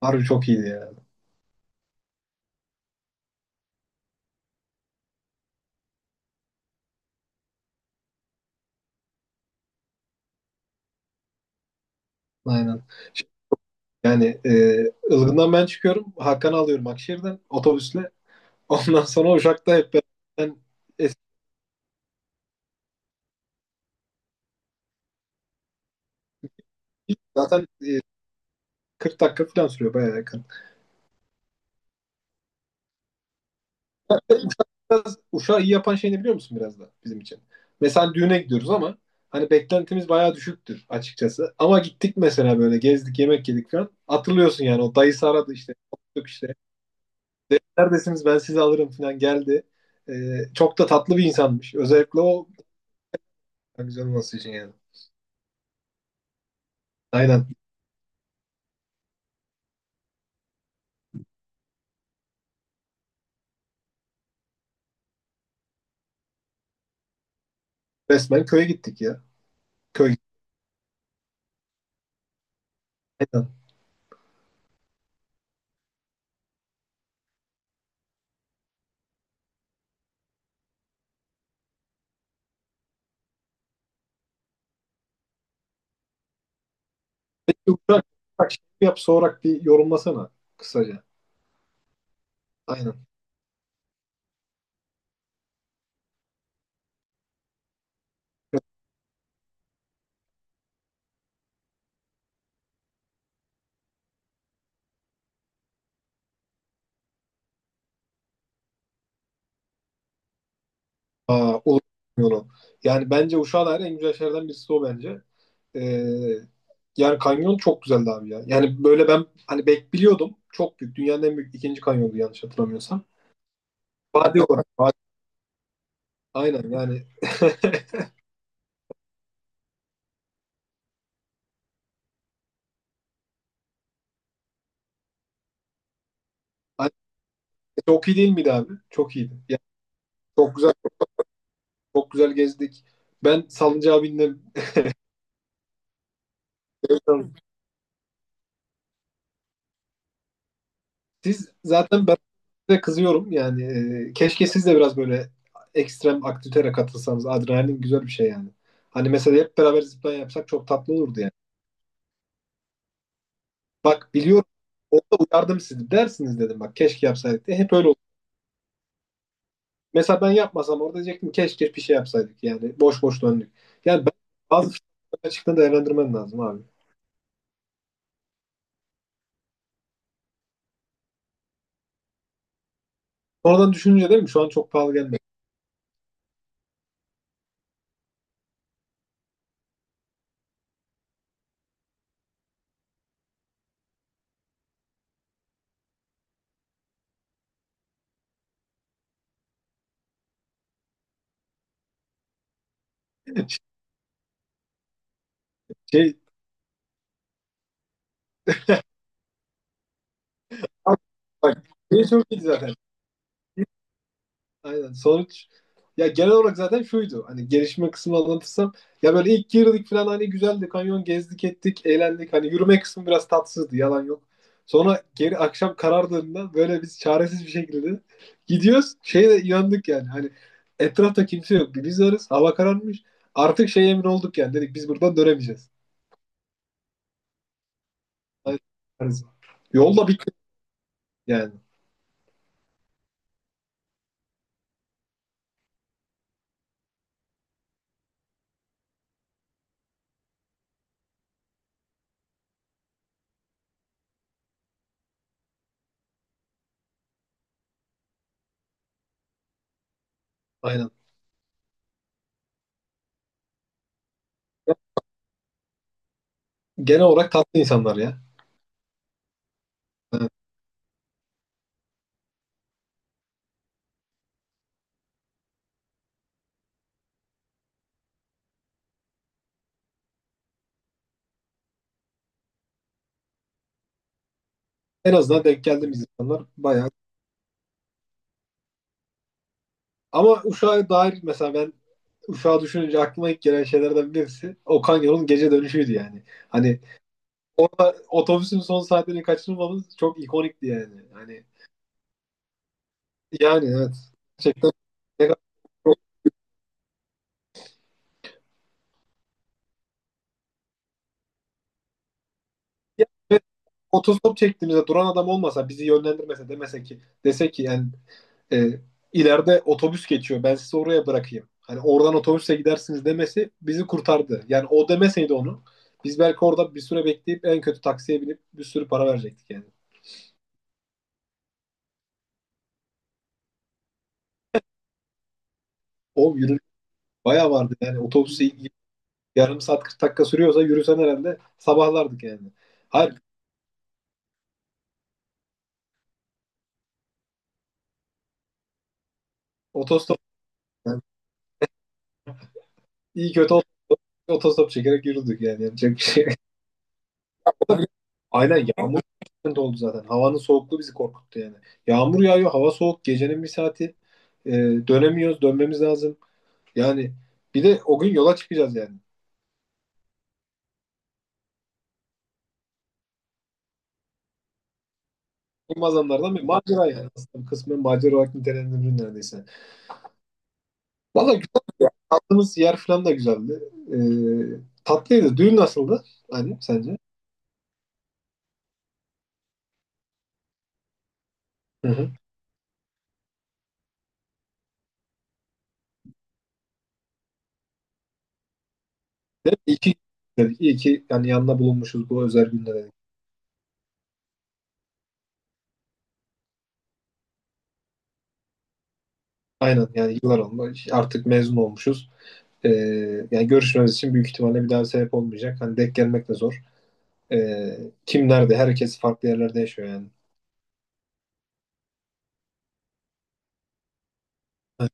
Harbi çok iyiydi ya. Aynen. Yani Ilgın'dan ben çıkıyorum. Hakan'ı alıyorum Akşehir'den otobüsle. Ondan sonra Uşak'ta hep beraber ben eski zaten 40 dakika falan sürüyor bayağı yakın. Uşak'ı iyi yapan şey ne biliyor musun biraz da bizim için? Mesela hani düğüne gidiyoruz ama hani beklentimiz bayağı düşüktür açıkçası. Ama gittik mesela böyle gezdik yemek yedik falan. Hatırlıyorsun yani o dayısı aradı işte. Konuştuk işte. Dedi, "Neredesiniz, ben sizi alırım" falan geldi. E, çok da tatlı bir insanmış. Özellikle o. Ha, güzel olması için yani. Aynen. Resmen köye gittik ya. Köy. Aynen. Yumuşak, yumuşak şey yap soğurak bir yorumlasana kısaca. Aynen. Aa, olur. Bilmiyorum. Yani bence Uşak'a dair en güzel şeylerden birisi o bence. Ee, yani kanyon çok güzeldi abi ya. Yani böyle ben hani biliyordum. Çok büyük. Dünyanın en büyük ikinci kanyondu yanlış hatırlamıyorsam. Vadi olarak. Vadi. Aynen yani. Aynen. Çok iyi değil miydi abi? Çok iyiydi. Yani çok güzel. Çok güzel gezdik. Ben salıncağa bindim. Siz zaten ben size kızıyorum yani, keşke siz de biraz böyle ekstrem aktivitelere katılsanız. Adrenalin güzel bir şey yani. Hani mesela hep beraber zipline yapsak çok tatlı olurdu yani. Bak biliyorum, orada uyardım sizi, dersiniz dedim, bak keşke yapsaydık diye hep öyle oldu. Mesela ben yapmasam orada diyecektim, keşke bir şey yapsaydık yani, boş boş döndük. Yani ben bazı açıktan değerlendirmen lazım abi. Sonradan düşününce değil mi? Şu an çok pahalı gelmedi. Şey, bak, şey çok iyi zaten. Aynen. Sonuç ya genel olarak zaten şuydu. Hani gelişme kısmını anlatırsam, ya böyle ilk girdik falan, hani güzeldi. Kanyon gezdik ettik, eğlendik. Hani yürüme kısmı biraz tatsızdı. Yalan yok. Sonra geri akşam karardığında böyle biz çaresiz bir şekilde gidiyoruz. Şeye de inandık yani. Hani etrafta kimse yok. Biz varız. Hava kararmış. Artık şey emin olduk yani. Dedik biz buradan dönemeyeceğiz. Aynen. Yolda bitti yani. Aynen. Genel olarak tatlı insanlar ya. Evet. En azından denk geldiğimiz insanlar bayağı. Ama Uşak'a dair mesela ben, Uşak'ı düşününce aklıma ilk gelen şeylerden birisi Okan Yol'un gece dönüşüydü yani. Hani orada otobüsün son saatlerini kaçırmamız çok ikonikti yani. Hani yani, evet. Gerçekten ne kadar. Ya, evet, otostop çektiğimizde duran adam olmasa, bizi yönlendirmese, demese ki, dese ki yani e, ileride otobüs geçiyor, ben sizi oraya bırakayım, hani oradan otobüse gidersiniz demesi bizi kurtardı. Yani o demeseydi onu, biz belki orada bir süre bekleyip en kötü taksiye binip bir sürü para verecektik yani. O yürü bayağı vardı yani otobüse, yarım saat 40 dakika sürüyorsa yürüsen herhalde sabahlardık yani. Hayır, otostop yani, iyi kötü otostop çekerek yürüdük yani, yapacak bir şey. Aynen yağmur de oldu zaten. Havanın soğukluğu bizi korkuttu yani. Yağmur yağıyor, hava soğuk, gecenin bir saati. Ee, dönemiyoruz, dönmemiz lazım. Yani bir de o gün yola çıkacağız yani. Olmaz anlardan bir macera yani. Aslında kısmen macera olarak nitelendirilir neredeyse. Valla güzeldi ya. Kaldığımız yer falan da güzeldi. Tatlıydı. Düğün nasıldı? Hani sence? Hı hı. Değil mi? İyi ki dedik. İyi ki yani yanına bulunmuşuz bu özel günde dedik. Aynen yani, yıllar oldu. Artık mezun olmuşuz. Ee, yani görüşmemiz için büyük ihtimalle bir daha sebep olmayacak. Hani denk gelmek de zor. Ee, kim nerede? Herkes farklı yerlerde yaşıyor yani. Evet.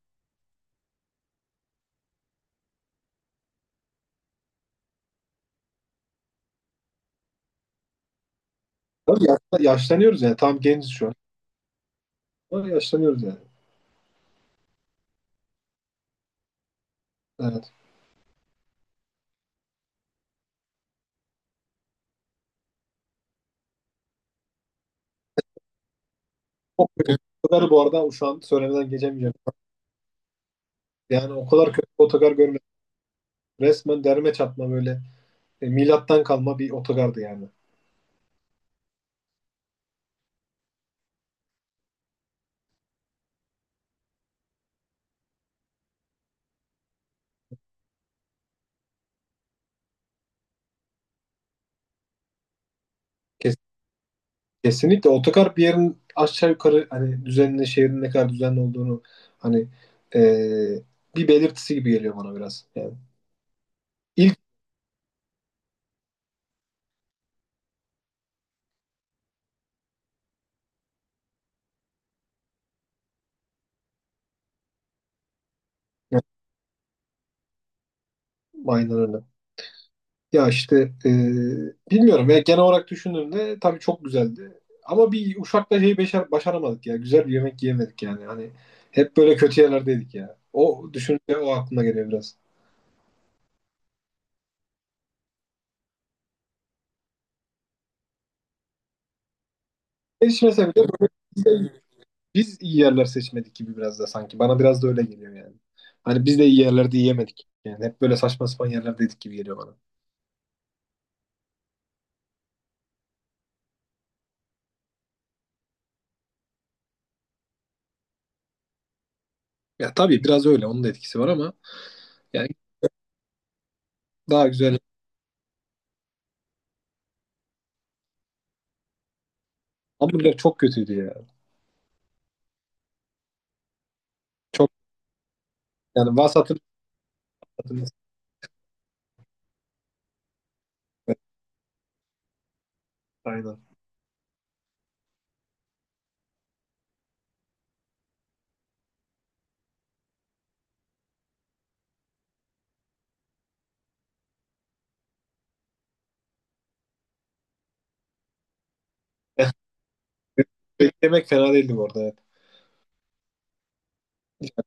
Tabii yaşlanıyoruz yani. Tam genciz şu an. Ama yaşlanıyoruz yani. Evet. O, evet, otogarı bu arada şu an söylemeden geçemeyeceğim. Yani o kadar kötü bir otogar, resmen derme çatma, böyle milattan kalma bir otogardı yani. Kes- Kesinlikle otogar bir yerin aşağı yukarı hani düzenli, şehrin ne kadar düzenli olduğunu hani, e, bir belirtisi gibi geliyor bana biraz. Yani ilk aynen. Ya işte e, bilmiyorum ya, genel olarak düşündüğümde tabii çok güzeldi. Ama bir Uşak'ta şeyi başaramadık ya. Güzel bir yemek yiyemedik yani. Hani hep böyle kötü yerlerdeydik ya. O düşünce o aklıma geliyor biraz. Erişmese bile, biz iyi yerler seçmedik gibi biraz da sanki. Bana biraz da öyle geliyor yani. Hani biz de iyi yerlerde yiyemedik. Yani hep böyle saçma sapan yerlerdeydik gibi geliyor bana. Ya tabii biraz öyle, onun da etkisi var ama yani daha güzel. Hamburger çok kötüydü ya. Çok yani vasatını, aynen. Yemek fena değildi bu arada. Evet.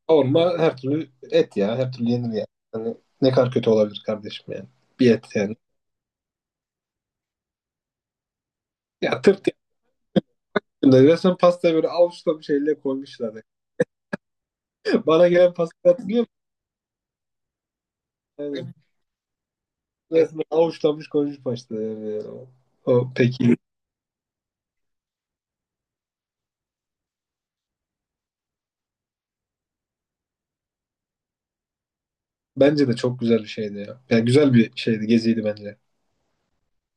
Kavurma her türlü et ya. Her türlü yenir ya. Hani ne kadar kötü olabilir kardeşim yani. Bir et yani. Ya tırt ya. Resmen pastayı böyle avuçla bir şeyle koymuşlar. Bana gelen pastayı hatırlıyor musun? Yani resmen avuçlanmış, koymuş başta yani. O peki. Bence de çok güzel bir şeydi ya. Yani güzel bir şeydi, geziydi bence.